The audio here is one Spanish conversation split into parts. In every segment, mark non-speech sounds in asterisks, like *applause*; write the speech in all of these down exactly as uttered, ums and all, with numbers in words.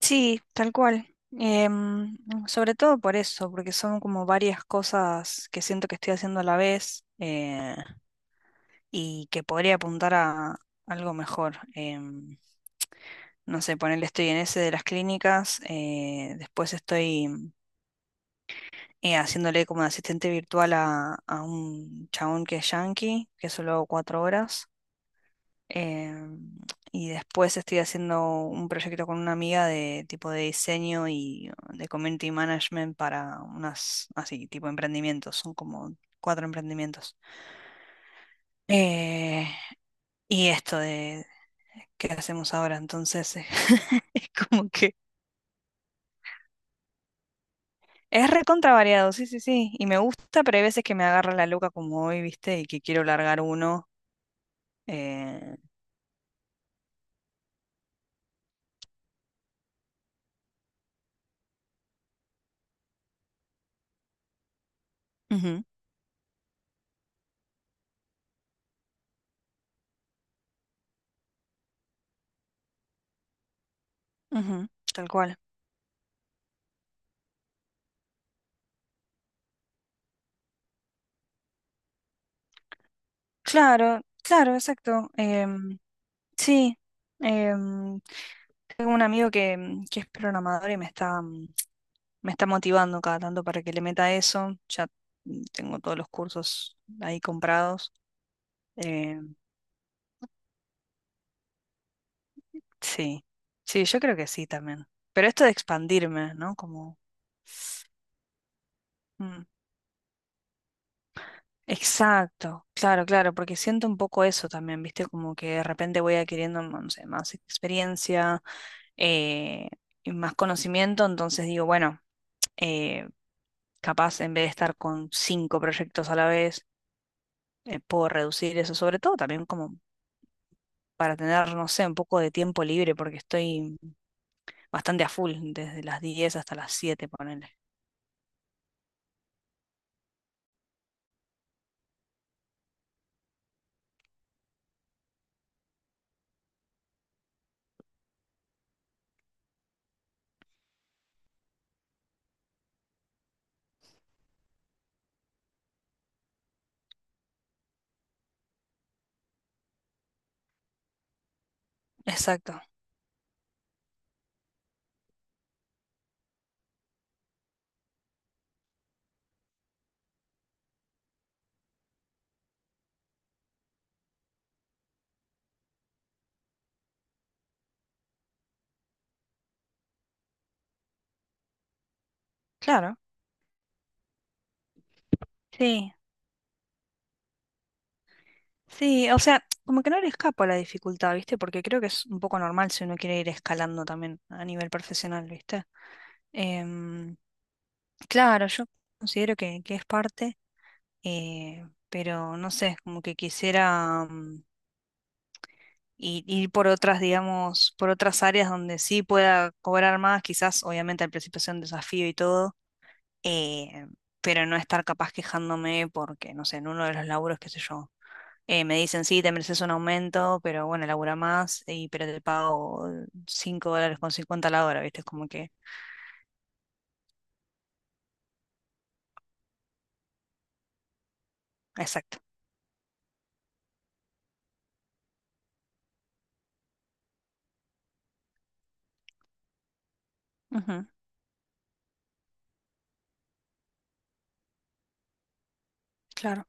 Sí, tal cual. Em, sobre todo por eso, porque son como varias cosas que siento que estoy haciendo a la vez eh, y que podría apuntar a algo mejor. Em, no sé, ponerle estoy en ese de las clínicas, eh, después estoy eh, haciéndole como de asistente virtual a, a un chabón que es yankee, que solo hago cuatro horas. Em, y después estoy haciendo un proyecto con una amiga de tipo de diseño y uh, de community management para unas, así, tipo emprendimientos. Son como cuatro emprendimientos. Eh, y esto de qué hacemos ahora, entonces eh, *laughs* es como que es recontra variado, sí, sí, sí. Y me gusta, pero hay veces que me agarra la loca como hoy, ¿viste? Y que quiero largar uno. eh, Ujú, ujú, tal cual. Claro, claro, exacto. em, Sí, em, tengo un amigo que, mm, que es programador y me está, mm, me está motivando cada tanto para que le meta eso. Ya mm, tengo todos los cursos ahí comprados. Eh, sí, sí, yo creo que sí también. Pero esto de expandirme, ¿no? Como... mm, Exacto, claro, claro, porque siento un poco eso también, ¿viste? Como que de repente voy adquiriendo, no no sé, más experiencia eh, y más conocimiento, entonces digo, bueno, eh, capaz en vez de estar con cinco proyectos a la vez, eh, puedo reducir eso, sobre todo también como para tener, no sé, un poco de tiempo libre, porque estoy bastante a full, desde las diez hasta las siete, ponele. Exacto, claro, sí, sí, o sea, como que no le escapo a la dificultad, ¿viste? Porque creo que es un poco normal si uno quiere ir escalando también a nivel profesional, ¿viste? Em, Claro, yo considero que, que es parte, eh, pero no sé, como que quisiera, mm, y ir por otras, digamos, por otras áreas donde sí pueda cobrar más, quizás obviamente al principio sea un desafío y todo, eh, pero no estar capaz quejándome porque, no sé, en uno de los laburos, qué sé yo, eh, me dicen, sí, te mereces un aumento, pero bueno, labura más, y, pero te pago cinco dólares con cincuenta la hora, ¿viste? Es como que, exacto. Ujú, claro,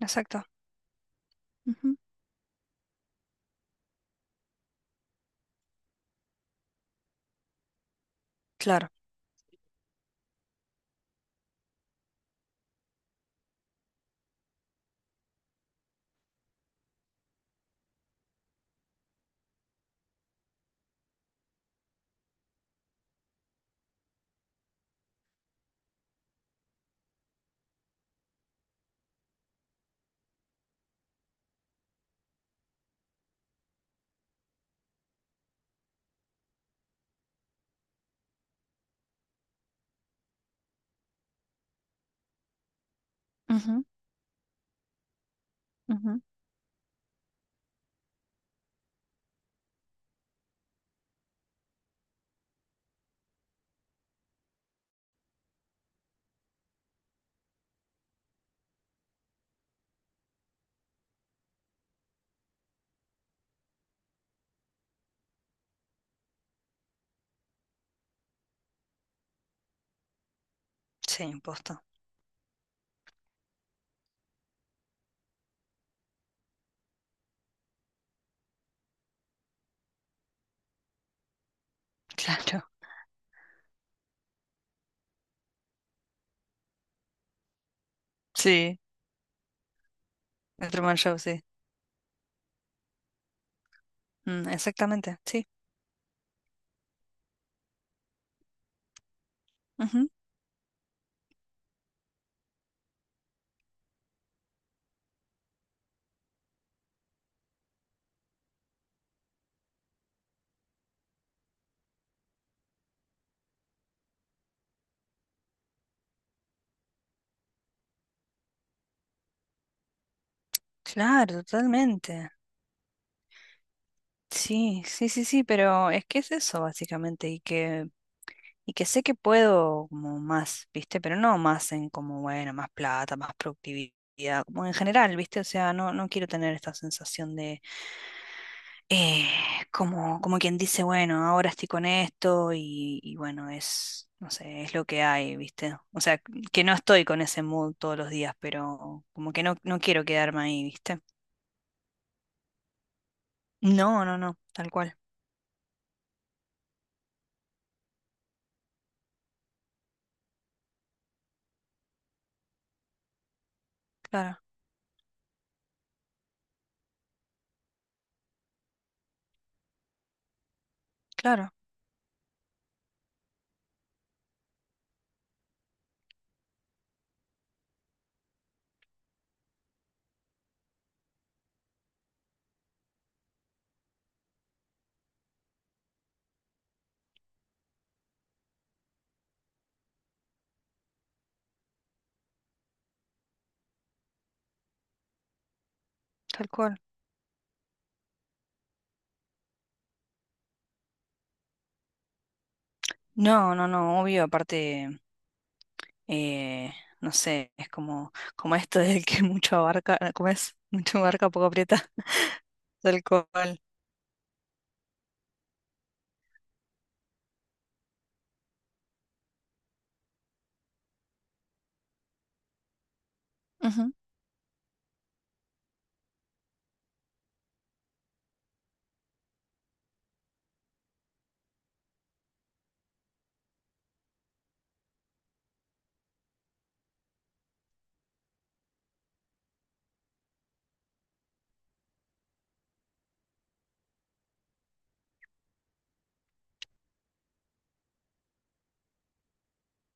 exacto. Ujú, claro. Ujú, ujú. Sí, imposto. *laughs* Claro. Sí, el Truman Show, sí. Mm, exactamente, sí. Claro, totalmente. Sí, sí, sí, sí, pero es que es eso básicamente y que y que sé que puedo como más, ¿viste? Pero no más en como bueno, más plata, más productividad, como en general, ¿viste? O sea, no no quiero tener esta sensación de eh, como como quien dice, bueno, ahora estoy con esto y, y bueno, es no sé, es lo que hay, ¿viste? O sea, que no estoy con ese mood todos los días, pero como que no no quiero quedarme ahí, ¿viste? No, no, no, tal cual. Claro, claro. Tal cual. No, no, no, obvio, aparte, eh, no sé, es como, como esto del que *laughs* mucho abarca, ¿cómo es? Mucho abarca, poco aprieta, *laughs* tal cual. Ujú,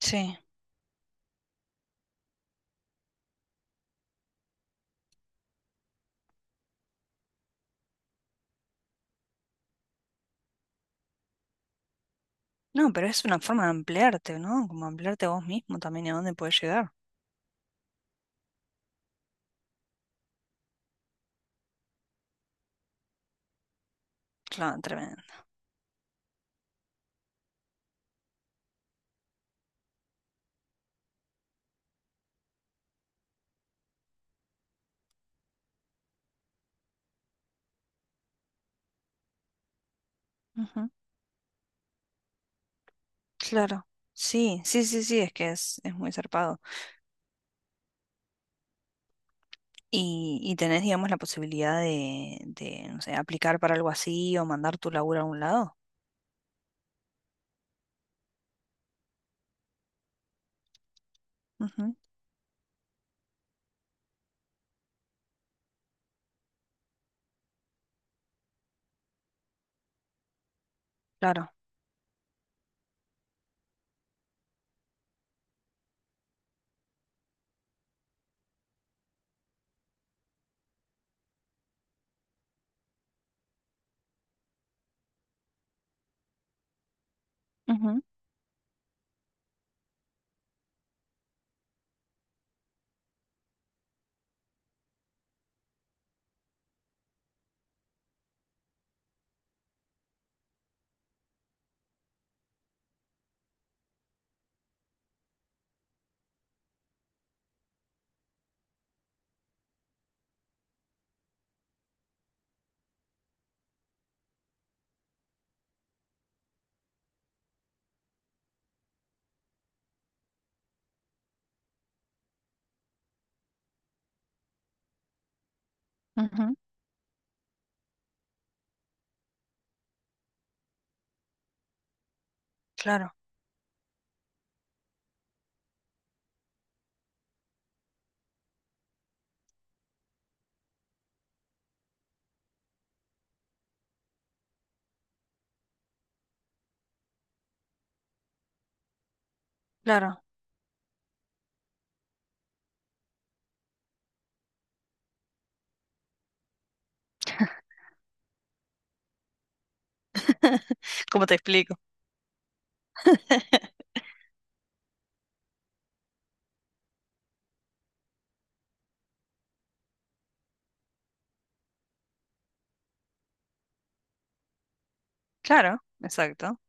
sí. No, pero es una forma de ampliarte, ¿no? Como ampliarte a vos mismo también y a dónde puedes llegar. Claro, tremendo. Ujú, claro. Sí, sí, sí, sí, es que es, es muy zarpado. Y, y tenés, digamos, la posibilidad de, de, no sé, aplicar para algo así o mandar tu laburo a un lado. Ujú, claro. Ujú, ujú. Claro, claro. *laughs* ¿Cómo te explico? *laughs* Claro, exacto.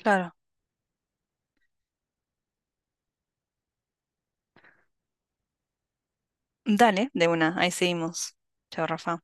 Claro. Dale, de una, ahí seguimos. Chao, Rafa.